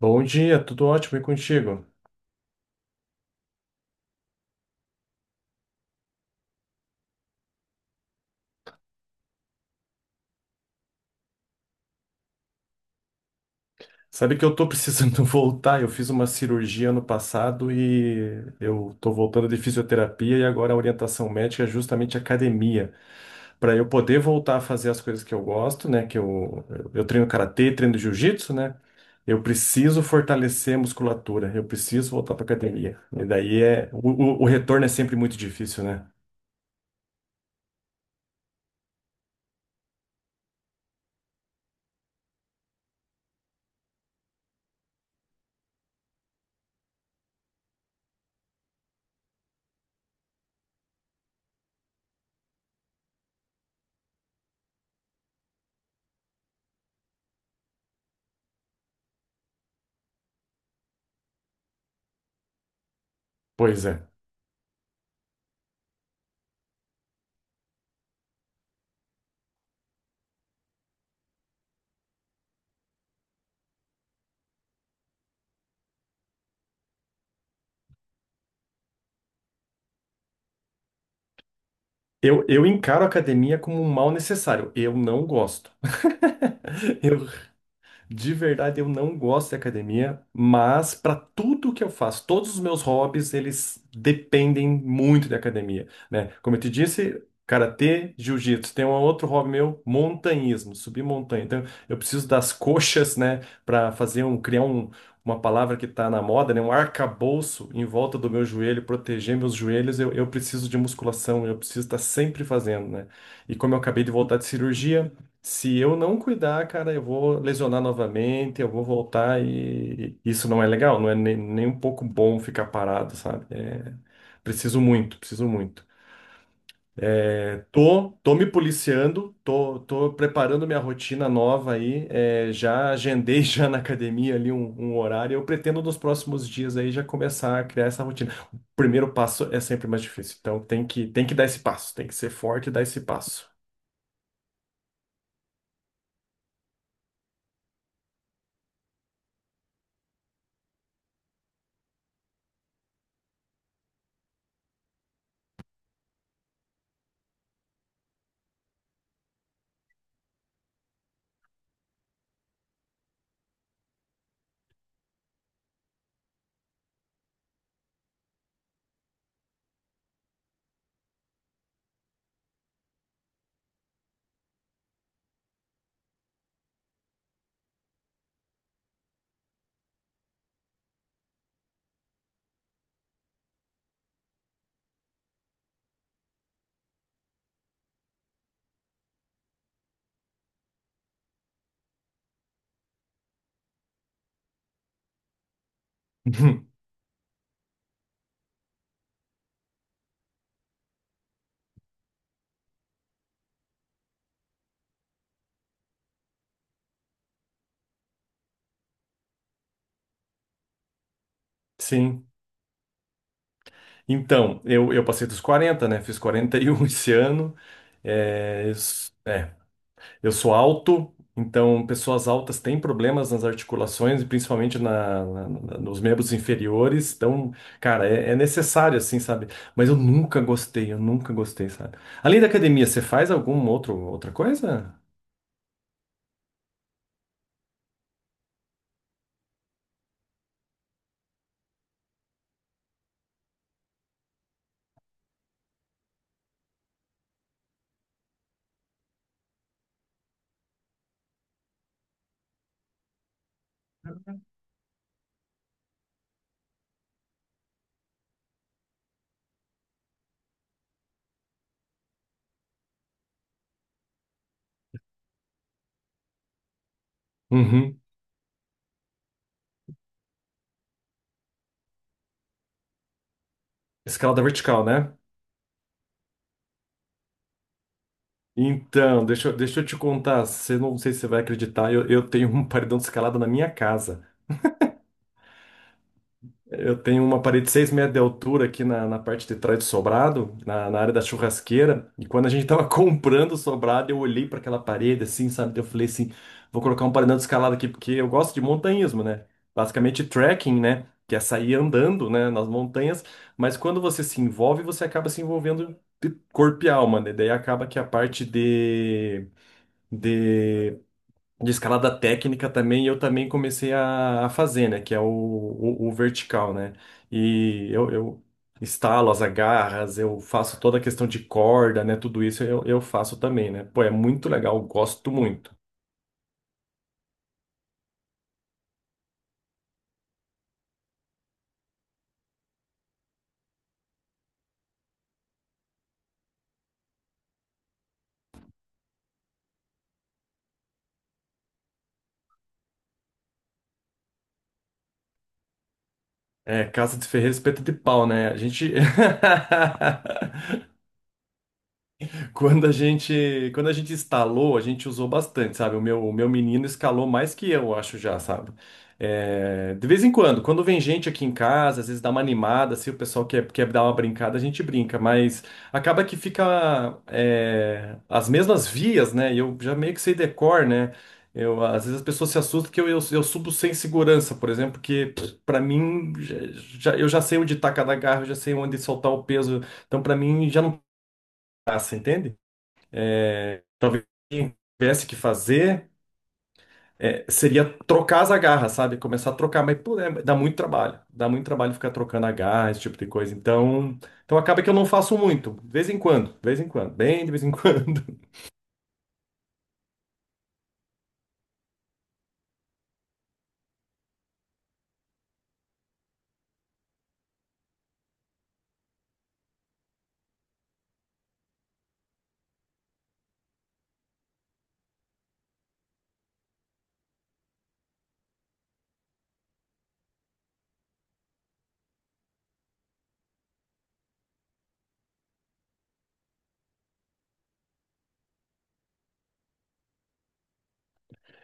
Bom dia, tudo ótimo e contigo? Sabe que eu tô precisando voltar, eu fiz uma cirurgia ano passado e eu tô voltando de fisioterapia e agora a orientação médica é justamente academia, para eu poder voltar a fazer as coisas que eu gosto, né, eu treino karatê, treino jiu-jitsu, né? Eu preciso fortalecer a musculatura, eu preciso voltar para academia. E daí é o retorno é sempre muito difícil, né? Pois é. Eu encaro a academia como um mal necessário. Eu não gosto. Eu De verdade, eu não gosto de academia, mas para tudo que eu faço, todos os meus hobbies, eles dependem muito de academia, né? Como eu te disse, karatê, jiu-jitsu, tem um outro hobby meu, montanhismo, subir montanha. Então, eu preciso das coxas, né, para fazer um criar um, uma palavra que está na moda, né, um arcabouço em volta do meu joelho, proteger meus joelhos. Eu preciso de musculação, eu preciso estar sempre fazendo, né? E como eu acabei de voltar de cirurgia, se eu não cuidar, cara, eu vou lesionar novamente, eu vou voltar e isso não é legal, não é nem um pouco bom ficar parado, sabe? Preciso muito, preciso muito. Tô me policiando, tô preparando minha rotina nova aí, é, já agendei já na academia ali um horário, eu pretendo nos próximos dias aí já começar a criar essa rotina. O primeiro passo é sempre mais difícil, então tem que dar esse passo, tem que ser forte e dar esse passo. Sim. Então, eu passei dos 40, né? Fiz 41 esse ano. É, eu s- é, eu sou alto, então pessoas altas têm problemas nas articulações e principalmente nos membros inferiores. Então, cara, é necessário, assim, sabe? Mas eu nunca gostei, sabe? Além da academia, você faz outra coisa? Uhum. Escalada vertical, né? Então, deixa eu te contar. Você não sei se você vai acreditar, eu tenho um paredão de escalada na minha casa. Eu tenho uma parede de 6 metros de altura aqui na, na parte de trás do sobrado, na, na área da churrasqueira. E quando a gente tava comprando o sobrado, eu olhei para aquela parede assim, sabe? Daí eu falei assim: vou colocar um paredão escalado aqui, porque eu gosto de montanhismo, né? Basicamente trekking, né? Que é sair andando, né, nas montanhas. Mas quando você se envolve, você acaba se envolvendo de corpo e alma, né? Daí acaba que a parte de de escalada técnica também, eu também comecei a fazer, né? Que é o vertical, né? E eu instalo as agarras, eu faço toda a questão de corda, né? Tudo isso eu faço também, né? Pô, é muito legal, gosto muito. É, casa de ferreiro, espeto de pau, né? A gente. Quando a gente instalou, a gente usou bastante, sabe? O meu menino escalou mais que eu, acho já, sabe? É, de vez em quando, quando vem gente aqui em casa, às vezes dá uma animada, se o pessoal quer dar uma brincada, a gente brinca, mas acaba que fica é, as mesmas vias, né? E eu já meio que sei decor, né? Eu, às vezes as pessoas se assustam que eu subo sem segurança, por exemplo, que para mim eu já sei onde tá cada garra, eu já sei onde soltar o peso, então para mim já não passa, entende? Talvez quem tivesse que fazer seria trocar as agarras, sabe? Começar a trocar, mas pô, é, dá muito trabalho. Dá muito trabalho ficar trocando agarra, esse tipo de coisa. Então acaba que eu não faço muito, de vez em quando, de vez em quando, bem de vez em quando.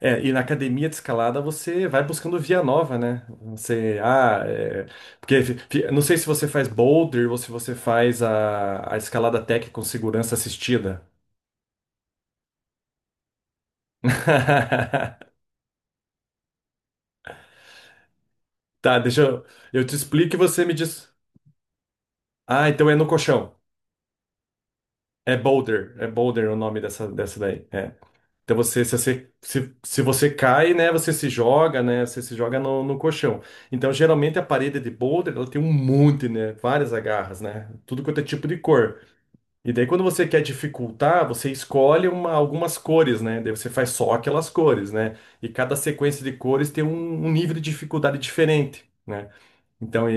É, e na academia de escalada você vai buscando via nova, né? Você, ah, é, porque fi- fi- Não sei se você faz boulder ou se você faz a escalada tech com segurança assistida. Tá, eu te explico e você me diz. Ah, então é no colchão. É boulder, é boulder o nome dessa, dessa daí. É. Então você, se você cai, né, você se joga, né, você se joga no, no colchão. Então geralmente a parede de boulder, ela tem um monte, né, várias agarras, né, tudo quanto é tipo de cor. E daí quando você quer dificultar, você escolhe algumas cores, né, daí você faz só aquelas cores, né, e cada sequência de cores tem um nível de dificuldade diferente, né? Então, e-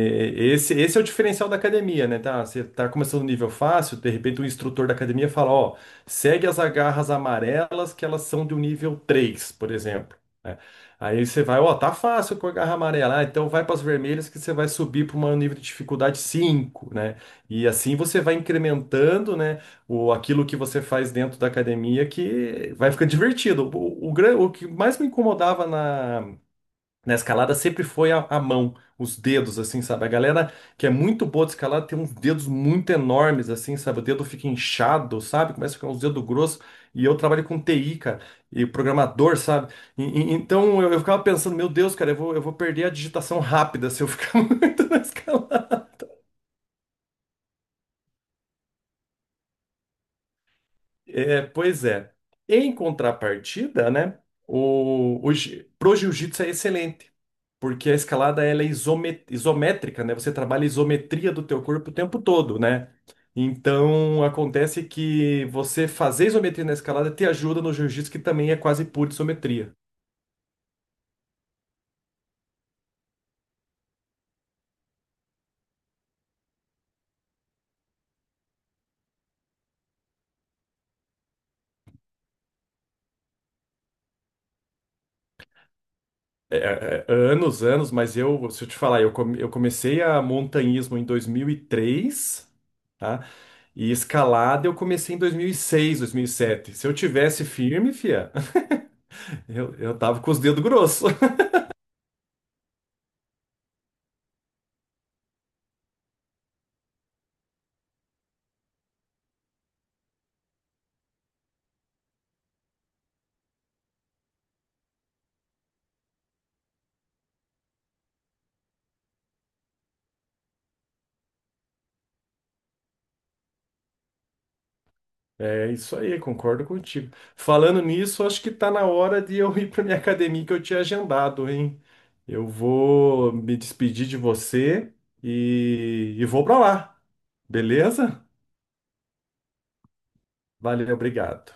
e- esse, esse é o diferencial da academia, né? Tá, você tá começando no nível fácil, de repente o instrutor da academia fala, ó, segue as agarras amarelas que elas são do nível 3, por exemplo, né? Aí você vai, ó, tá fácil com a garra amarela, ah, então vai para as vermelhas que você vai subir para um nível de dificuldade 5, né? E assim você vai incrementando, né, aquilo que você faz dentro da academia que vai ficando divertido. O que mais me incomodava na escalada sempre foi a mão, os dedos, assim, sabe? A galera que é muito boa de escalada tem uns dedos muito enormes, assim, sabe? O dedo fica inchado, sabe? Começa a ficar uns dedos grossos. E eu trabalho com TI, cara, e programador, sabe? Então eu ficava pensando, meu Deus, cara, eu vou perder a digitação rápida se eu ficar muito na escalada. É, pois é. Em contrapartida, né, pro jiu-jitsu é excelente, porque a escalada ela é isométrica, né? Você trabalha a isometria do teu corpo o tempo todo, né? Então acontece que você fazer isometria na escalada te ajuda no jiu-jitsu, que também é quase pura isometria. É, é, anos, anos, mas eu, se eu te falar, eu comecei a montanhismo em 2003, tá? E escalada eu comecei em dois mil e seis, 2007. Se eu tivesse firme, fia, eu tava com os dedos grossos. É isso aí, concordo contigo. Falando nisso, acho que tá na hora de eu ir pra minha academia que eu tinha agendado, hein? Eu vou me despedir de você e vou pra lá, beleza? Valeu, obrigado.